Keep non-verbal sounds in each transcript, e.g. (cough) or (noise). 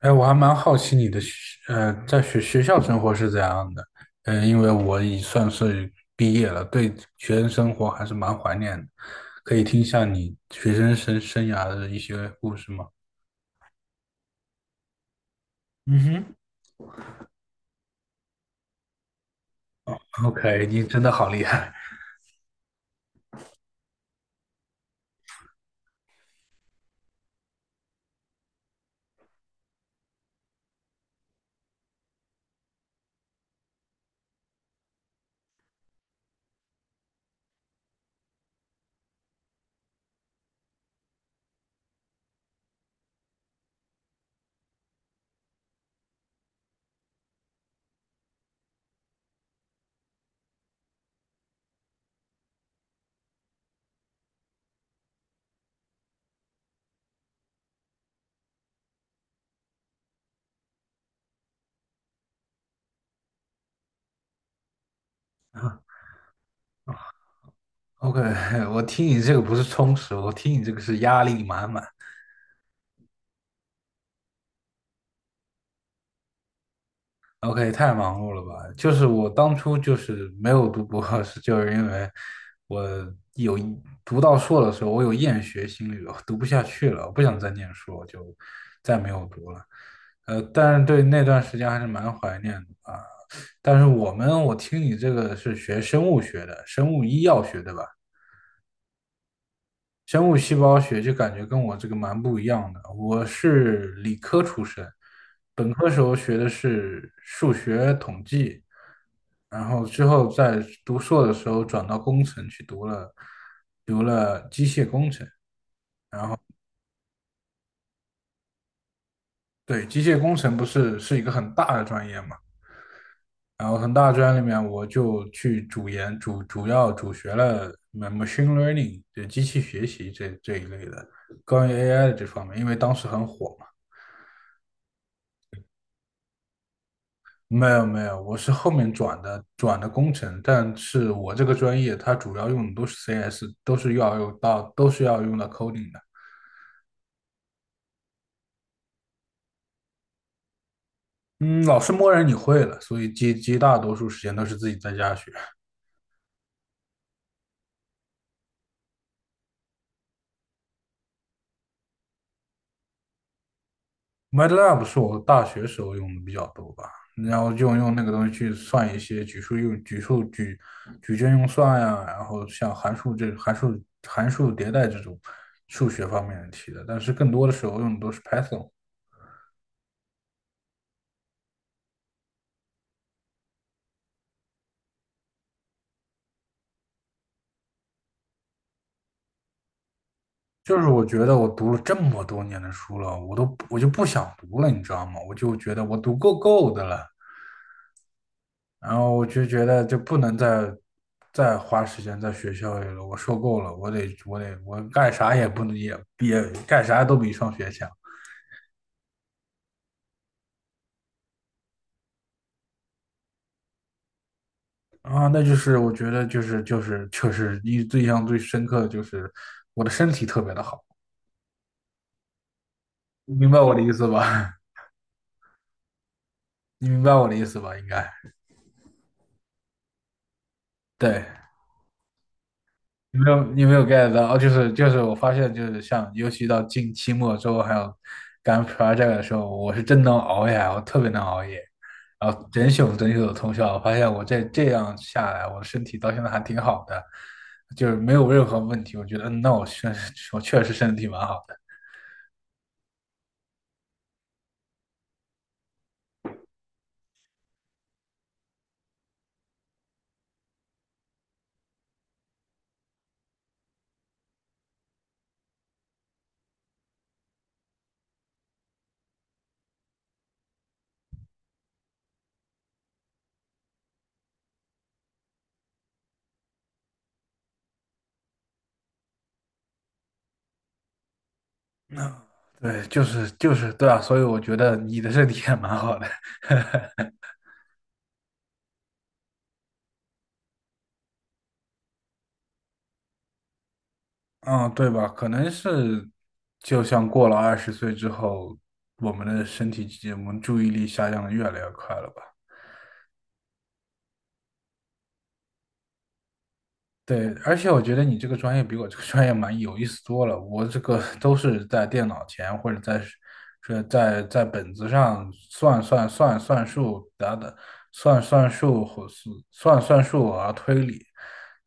哎，我还蛮好奇你的学，呃，在学学校生活是怎样的？因为我已算是毕业了，对学生生活还是蛮怀念的。可以听一下你学生生涯的一些故事吗？嗯哼，？OK，你真的好厉害。 (laughs) 啊！OK，我听你这个不是充实，我听你这个是压力满满。OK，太忙碌了吧？就是我当初就是没有读博士，就是因为我有读到硕的时候，我有厌学心理了，我读不下去了，我不想再念书，我就再没有读了。但是对那段时间还是蛮怀念的啊。但是我们，我听你这个是学生物学的，生物医药学对吧？生物细胞学就感觉跟我这个蛮不一样的。我是理科出身，本科时候学的是数学统计，然后之后在读硕的时候转到工程去读了机械工程。对，机械工程不是是一个很大的专业嘛，然后很大的专业里面我就去主研主主要主学了 machine learning，就机器学习这一类的，关于 AI 的这方面，因为当时很火。没有没有，我是后面转的工程，但是我这个专业它主要用的都是 CS，都是要用到 coding 的。嗯，老师默认你会了，所以绝大多数时间都是自己在家学。MATLAB 是我大学时候用的比较多吧，然后就用那个东西去算一些举数用举数举矩阵用算呀，然后像函数迭代这种数学方面的题的，但是更多的时候用的都是 Python。就是我觉得我读了这么多年的书了，我就不想读了，你知道吗？我就觉得我读够的了，然后我就觉得就不能再花时间在学校里了，我受够了，我干啥也不能也干啥都比上学强。啊！那就是我觉得就是印象最深刻的就是我的身体特别的好，你明白我的意思吧？(laughs) 你明白我的意思吧？应该对。你没有 get 到，就是，我发现就是像，尤其到近期末之后，还有赶 project 的时候，我是真能熬夜，我特别能熬夜，然后整宿整宿的通宵。我发现我这样下来，我的身体到现在还挺好的，就是没有任何问题。我觉得，那我确实身体蛮好的。对，就是，对啊，所以我觉得你的身体也蛮好的。嗯，对吧？可能是，就像过了20岁之后，我们的身体，我们注意力下降的越来越快了吧。对，而且我觉得你这个专业比我这个专业蛮有意思多了。我这个都是在电脑前或者在是是在在本子上算算数，等等，算算数或是算算数啊推理，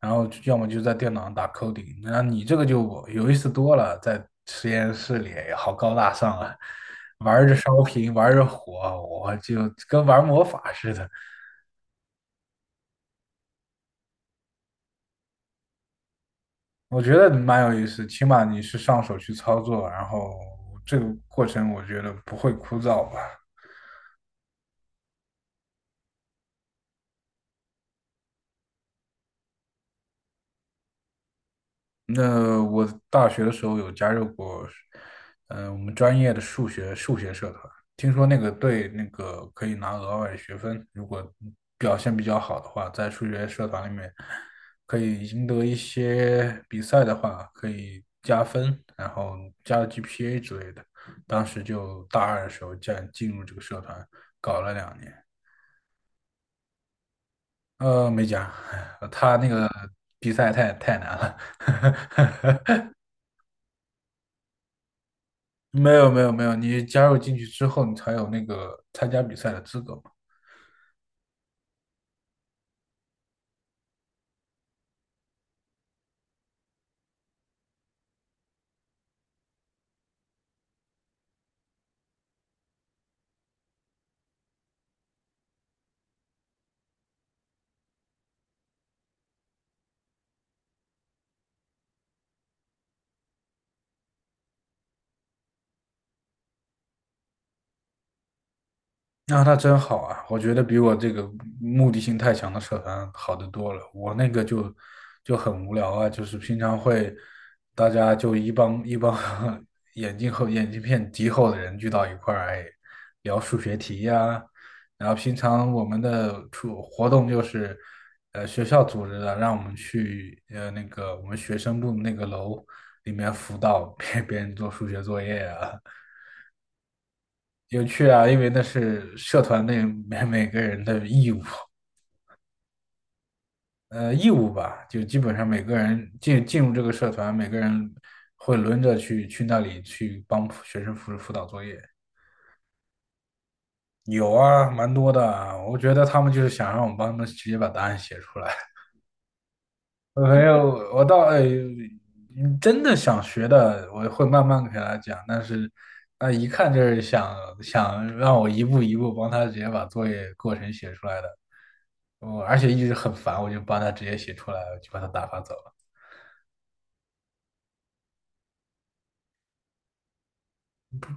然后就要么就在电脑上打 coding。那你这个就有意思多了，在实验室里好高大上啊，玩着烧瓶，玩着火，我就跟玩魔法似的。我觉得蛮有意思，起码你是上手去操作，然后这个过程我觉得不会枯燥吧。那我大学的时候有加入过，我们专业的数学社团，听说那个可以拿额外的学分，如果表现比较好的话，在数学社团里面可以赢得一些比赛的话，可以加分，然后加 GPA 之类的。当时就大二的时候，进入这个社团，搞了2年。没讲，(laughs) 他那个比赛太难了。(laughs) 没有没有没有，你加入进去之后，你才有那个参加比赛的资格。那他真好啊！我觉得比我这个目的性太强的社团好得多了。我那个就很无聊啊，就是平常会大家就一帮一帮 (laughs) 眼镜片极厚的人聚到一块儿，哎，聊数学题呀、然后平常我们的出活动就是，学校组织的，让我们去那个我们学生部那个楼里面辅导 (laughs) 别人做数学作业啊，有趣啊，因为那是社团内每个人的义务，义务吧，就基本上每个人进入这个社团，每个人会轮着去那里去帮学生辅导作业。有啊，蛮多的啊，我觉得他们就是想让我们帮他们直接把答案写出来。没有，我倒哎，真的想学的，我会慢慢给他讲。但是，一看就是想让我一步一步帮他直接把作业过程写出来的。我而且一直很烦，我就帮他直接写出来了，就把他打发走了。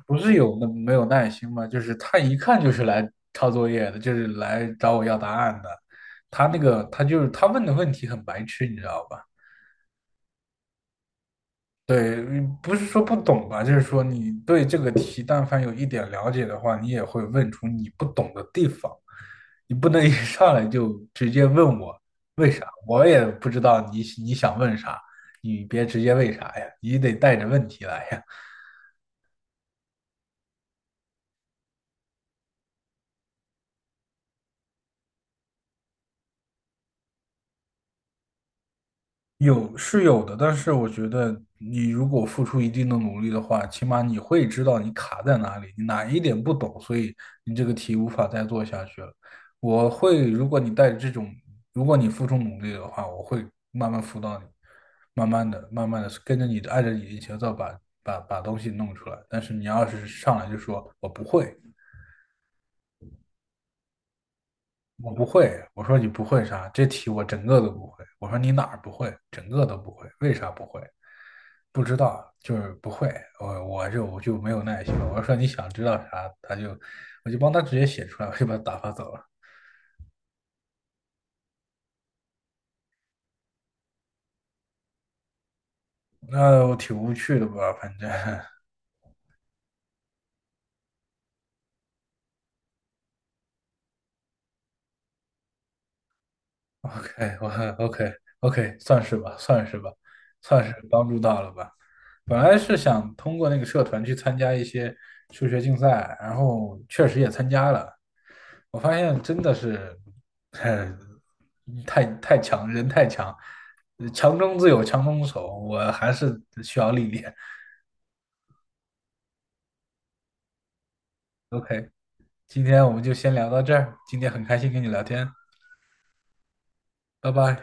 不是没有耐心吗？就是他一看就是来抄作业的，就是来找我要答案的。他那个他就是他问的问题很白痴，你知道吧？对，不是说不懂吧，就是说你对这个题但凡有一点了解的话，你也会问出你不懂的地方。你不能一上来就直接问我为啥，我也不知道你想问啥，你别直接为啥呀，你得带着问题来呀。有是有的，但是我觉得你如果付出一定的努力的话，起码你会知道你卡在哪里，你哪一点不懂，所以你这个题无法再做下去了。如果你带着这种，如果你付出努力的话，我会慢慢辅导你，慢慢的、慢慢的跟着你的，按照你的节奏把东西弄出来。但是你要是上来就说我不会，我不会，我说你不会啥？这题我整个都不会。我说你哪儿不会？整个都不会，为啥不会？不知道，就是不会。我就没有耐心了。我说你想知道啥，我就帮他直接写出来，我就把他打发走了。那我挺无趣的吧，反正 (laughs) OK，我 OK OK，算是吧，算是吧，算是帮助到了吧。本来是想通过那个社团去参加一些数学竞赛，然后确实也参加了。我发现真的是，呃，太强，人太强，强中自有强中手，我还是需要历练。OK，今天我们就先聊到这儿，今天很开心跟你聊天，拜拜。